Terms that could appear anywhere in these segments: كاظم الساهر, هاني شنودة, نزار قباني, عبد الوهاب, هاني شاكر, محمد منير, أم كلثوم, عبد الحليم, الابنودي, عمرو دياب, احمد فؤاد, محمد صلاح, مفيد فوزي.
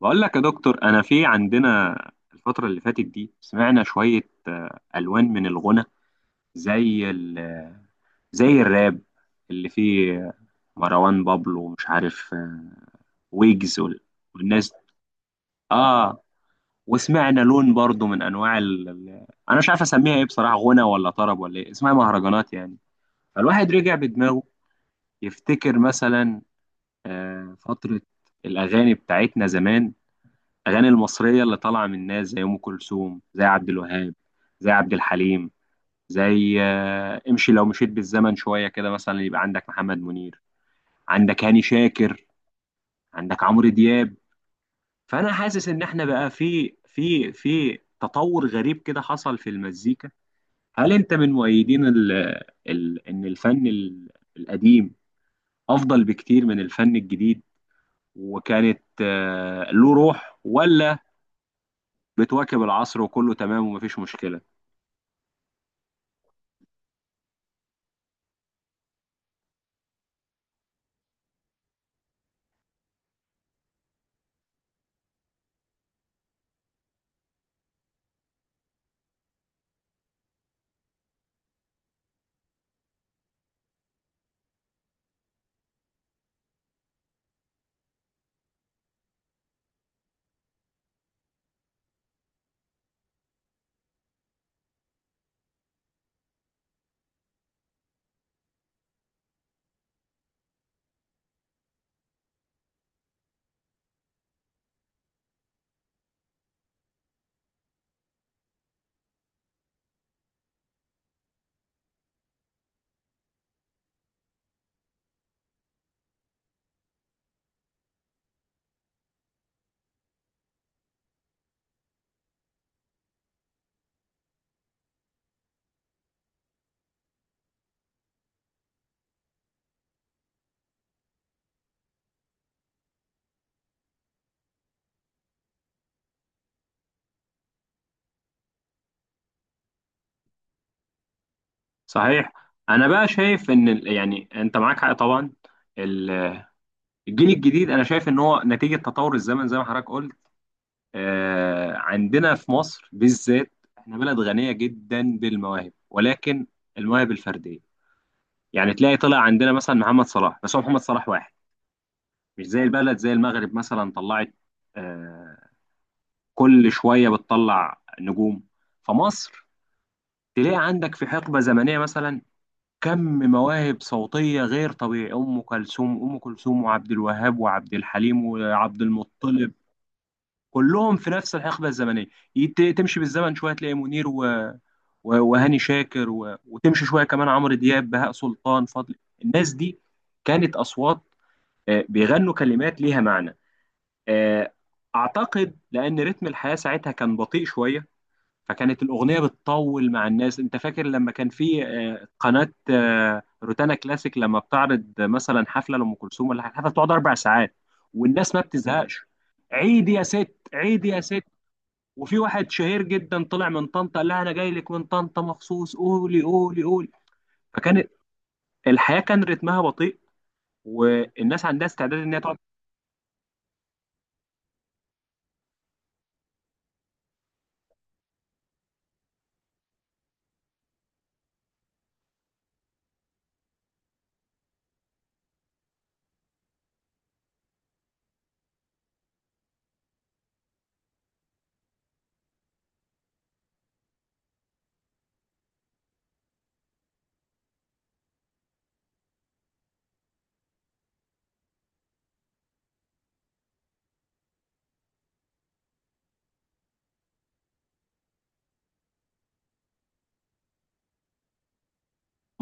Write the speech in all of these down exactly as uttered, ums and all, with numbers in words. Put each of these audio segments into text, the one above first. بقول لك يا دكتور، انا في عندنا الفترة اللي فاتت دي سمعنا شوية آه، ألوان من الغنى، زي ال آه، زي الراب اللي فيه مروان بابلو ومش عارف، آه، ويجز وال- والناس دي. اه، وسمعنا لون برضو من انواع ال... ال- انا مش عارف اسميها ايه بصراحة، غنى ولا طرب ولا ايه اسمها، مهرجانات يعني. فالواحد رجع بدماغه يفتكر مثلا آه، فترة الأغاني بتاعتنا زمان، الاغاني المصريه اللي طالعه من الناس زي ام كلثوم، زي عبد الوهاب، زي عبد الحليم، زي آه، امشي لو مشيت بالزمن شويه كده مثلا يبقى عندك محمد منير، عندك هاني شاكر، عندك عمرو دياب. فانا حاسس ان احنا بقى في في في تطور غريب كده حصل في المزيكا. هل انت من مؤيدين ال ال ان الفن ال- القديم افضل بكتير من الفن الجديد، وكانت آه، له روح، ولا بتواكب العصر وكله تمام ومفيش مشكله؟ صحيح. انا بقى شايف ان ال- يعني انت معاك حق طبعا. ال- الجيل الجديد انا شايف ان هو نتيجه تطور الزمن زي ما حضرتك قلت. آه، عندنا في مصر بالذات احنا بلد غنيه جدا بالمواهب، ولكن المواهب الفرديه. يعني تلاقي طلع عندنا مثلا محمد صلاح، بس هو محمد صلاح واحد. مش زي البلد زي المغرب مثلا، طلعت آه، كل شويه بتطلع نجوم. فمصر تلاقي عندك في حقبه زمنيه مثلا كم مواهب صوتية غير طبيعي، أم كلثوم أم كلثوم وعبد الوهاب وعبد الحليم وعبد المطلب كلهم في نفس الحقبة الزمنية. يت- تمشي بالزمن شوية تلاقي منير و... و... وهاني شاكر و... وتمشي شوية كمان عمرو دياب، بهاء سلطان، فضل. الناس دي كانت أصوات آه، بيغنوا كلمات ليها معنى. آه، أعتقد لأن رتم الحياة ساعتها كان بطيء شوية، فكانت الأغنية بتطول مع الناس. أنت فاكر لما كان في آه، قناة آه، روتانا كلاسيك، لما بتعرض مثلا حفلة لأم كلثوم ولا حاجة، الحفلة بتقعد أربع ساعات والناس ما بتزهقش. عيد يا ست، عيد يا ست. وفي واحد شهير جدا طلع من طنطا قال لها أنا جاي لك من طنطا مخصوص، قولي قولي قولي. فكان الحياة كان رتمها بطيء والناس عندها استعداد إن هي تقعد.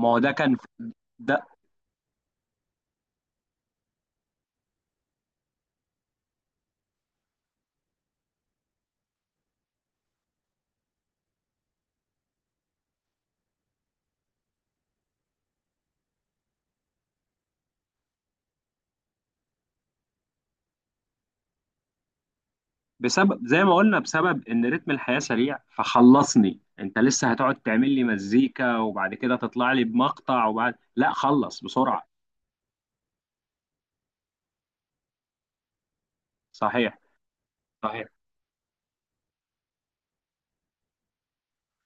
ما هو ده كان. ده بسبب زي ما قلنا، بسبب ان رتم الحياة سريع، فخلصني انت لسه هتقعد تعمل لي مزيكا وبعد كده تطلع لي بمقطع وبعد لا خلص بسرعة. صحيح. صحيح.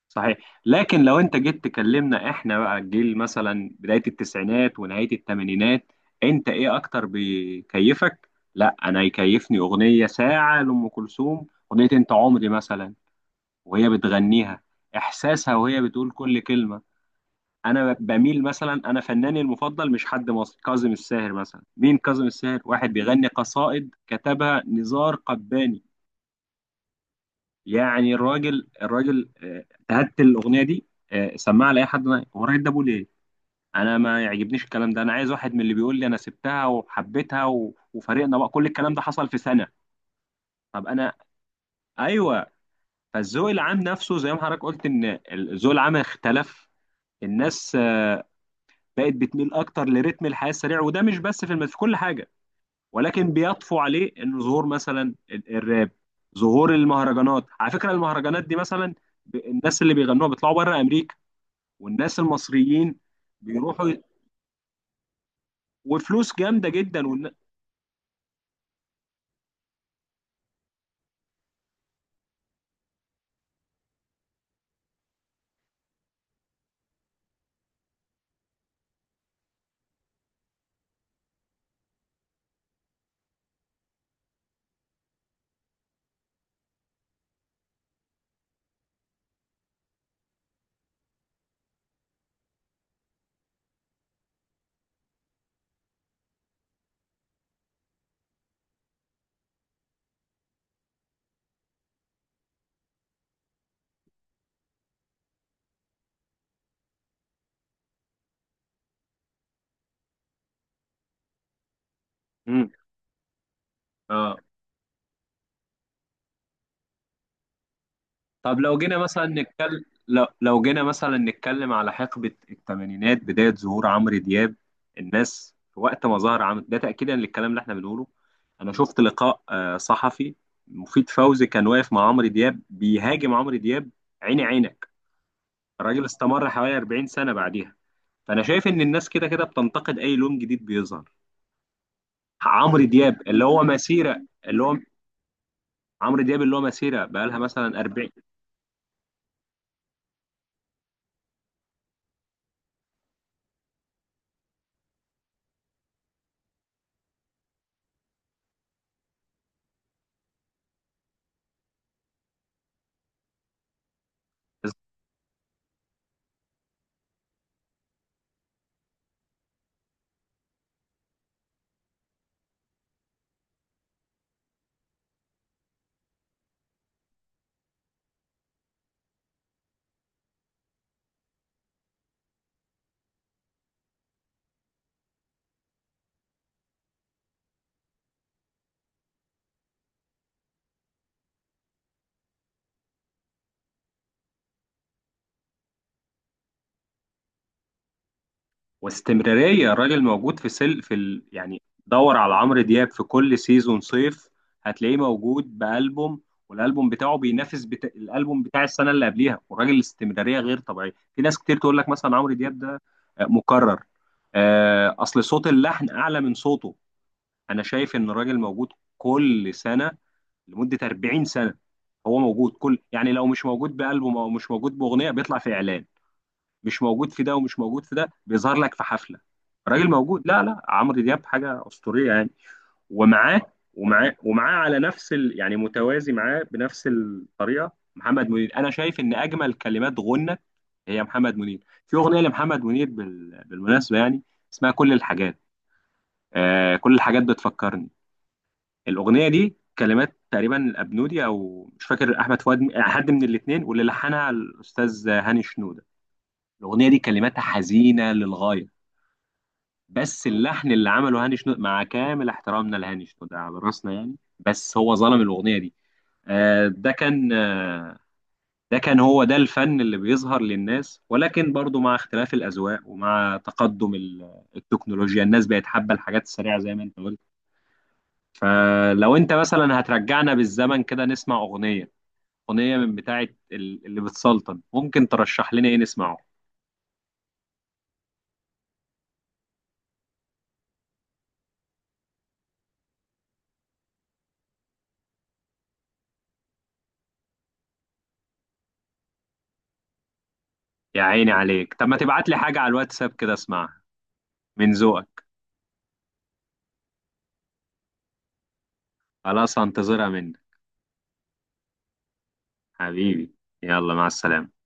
صحيح، لكن لو انت جيت تكلمنا احنا بقى الجيل مثلا بداية التسعينات ونهاية الثمانينات، انت ايه اكتر بيكيفك؟ لا، انا يكيفني اغنية ساعة لأم كلثوم، اغنية انت عمري مثلا وهي بتغنيها، احساسها وهي بتقول كل كلمة. انا بميل مثلا، انا فناني المفضل مش حد مصري، كاظم الساهر مثلا. مين كاظم الساهر؟ واحد بيغني قصائد كتبها نزار قباني. يعني الراجل، الراجل آه، تهت الاغنيه دي، آه، سمعها لاي حد. أنا- هو الراجل ده ابوه ليه، انا ما يعجبنيش الكلام ده، انا عايز واحد من اللي بيقول لي انا سبتها وحبيتها و... وفريقنا بقى، كل الكلام ده حصل في سنه. طب انا، ايوه. فالذوق العام نفسه زي ما حضرتك قلت ان الذوق العام اختلف. الناس آه، بقت بتميل اكتر لريتم الحياه السريع، وده مش بس في الم... في كل حاجه، ولكن بيطفو عليه انه ظهور مثلا ال- الراب، ظهور المهرجانات. على فكره المهرجانات دي مثلا، ب- الناس اللي بيغنوها بيطلعوا بره امريكا والناس المصريين بيروحوا ي- وفلوس جامده جدا والن... مم. اه. طب لو جينا مثلا نتكلم، لو لو جينا مثلا نتكلم على حقبة الثمانينات بداية ظهور عمرو دياب. الناس في وقت ما ظهر عمرو ده تأكيدا للكلام اللي احنا بنقوله. أنا شفت لقاء آه، صحفي، مفيد فوزي كان واقف مع عمرو دياب بيهاجم عمرو دياب عيني عينك. الراجل استمر حوالي 40 سنة بعديها. فأنا شايف إن الناس كده كده بتنتقد أي لون جديد بيظهر. عمرو دياب اللي هو مسيرة اللي هو عمرو دياب اللي هو مسيرة بقالها مثلا أربعين. واستمراريه الراجل موجود في سل في ال... يعني دور على عمرو دياب في كل سيزون صيف هتلاقيه موجود بألبوم، والألبوم بتاعه بينافس بتا... الألبوم بتاع السنة اللي قبليها. والراجل الاستمرارية غير طبيعية. في ناس كتير تقول لك مثلا عمرو دياب ده آه، مكرر، آه، أصل صوت اللحن أعلى من صوته. أنا شايف إن الراجل موجود كل سنة لمدة 40 سنة. هو موجود كل، يعني لو مش موجود بألبوم أو مش موجود بأغنية بيطلع في إعلان، مش موجود في ده ومش موجود في ده بيظهر لك في حفله. راجل موجود، لا لا، عمرو دياب حاجه اسطوريه يعني. ومعاه ومعاه ومعاه على نفس ال... يعني متوازي معاه بنفس الطريقه محمد منير. انا شايف ان اجمل كلمات غنى هي محمد منير، في اغنيه لمحمد منير بال... بالمناسبه يعني، اسمها كل الحاجات. آه، كل الحاجات بتفكرني، الاغنيه دي كلمات تقريبا الابنودي او مش فاكر احمد فؤاد، م- حد من الاثنين، واللي لحنها الاستاذ هاني شنوده. الاغنيه دي كلماتها حزينه للغايه، بس اللحن اللي عمله هاني شنودة، مع كامل احترامنا لهاني شنودة على راسنا يعني، بس هو ظلم الأغنية دي. آه، ده كان آه، ده كان هو ده الفن اللي بيظهر للناس. ولكن برضو مع اختلاف الأذواق ومع تقدم ال- التكنولوجيا، الناس بقت حابة الحاجات السريعة زي ما انت قلت. فلو انت مثلا هترجعنا بالزمن كده نسمع أغنية، أغنية من بتاعة ال- اللي بتسلطن، ممكن ترشح لنا ايه نسمعه؟ يا عيني عليك. طب ما تبعت لي حاجة على الواتساب كده اسمعها من ذوقك. خلاص هنتظرها منك حبيبي. يلا مع السلامة.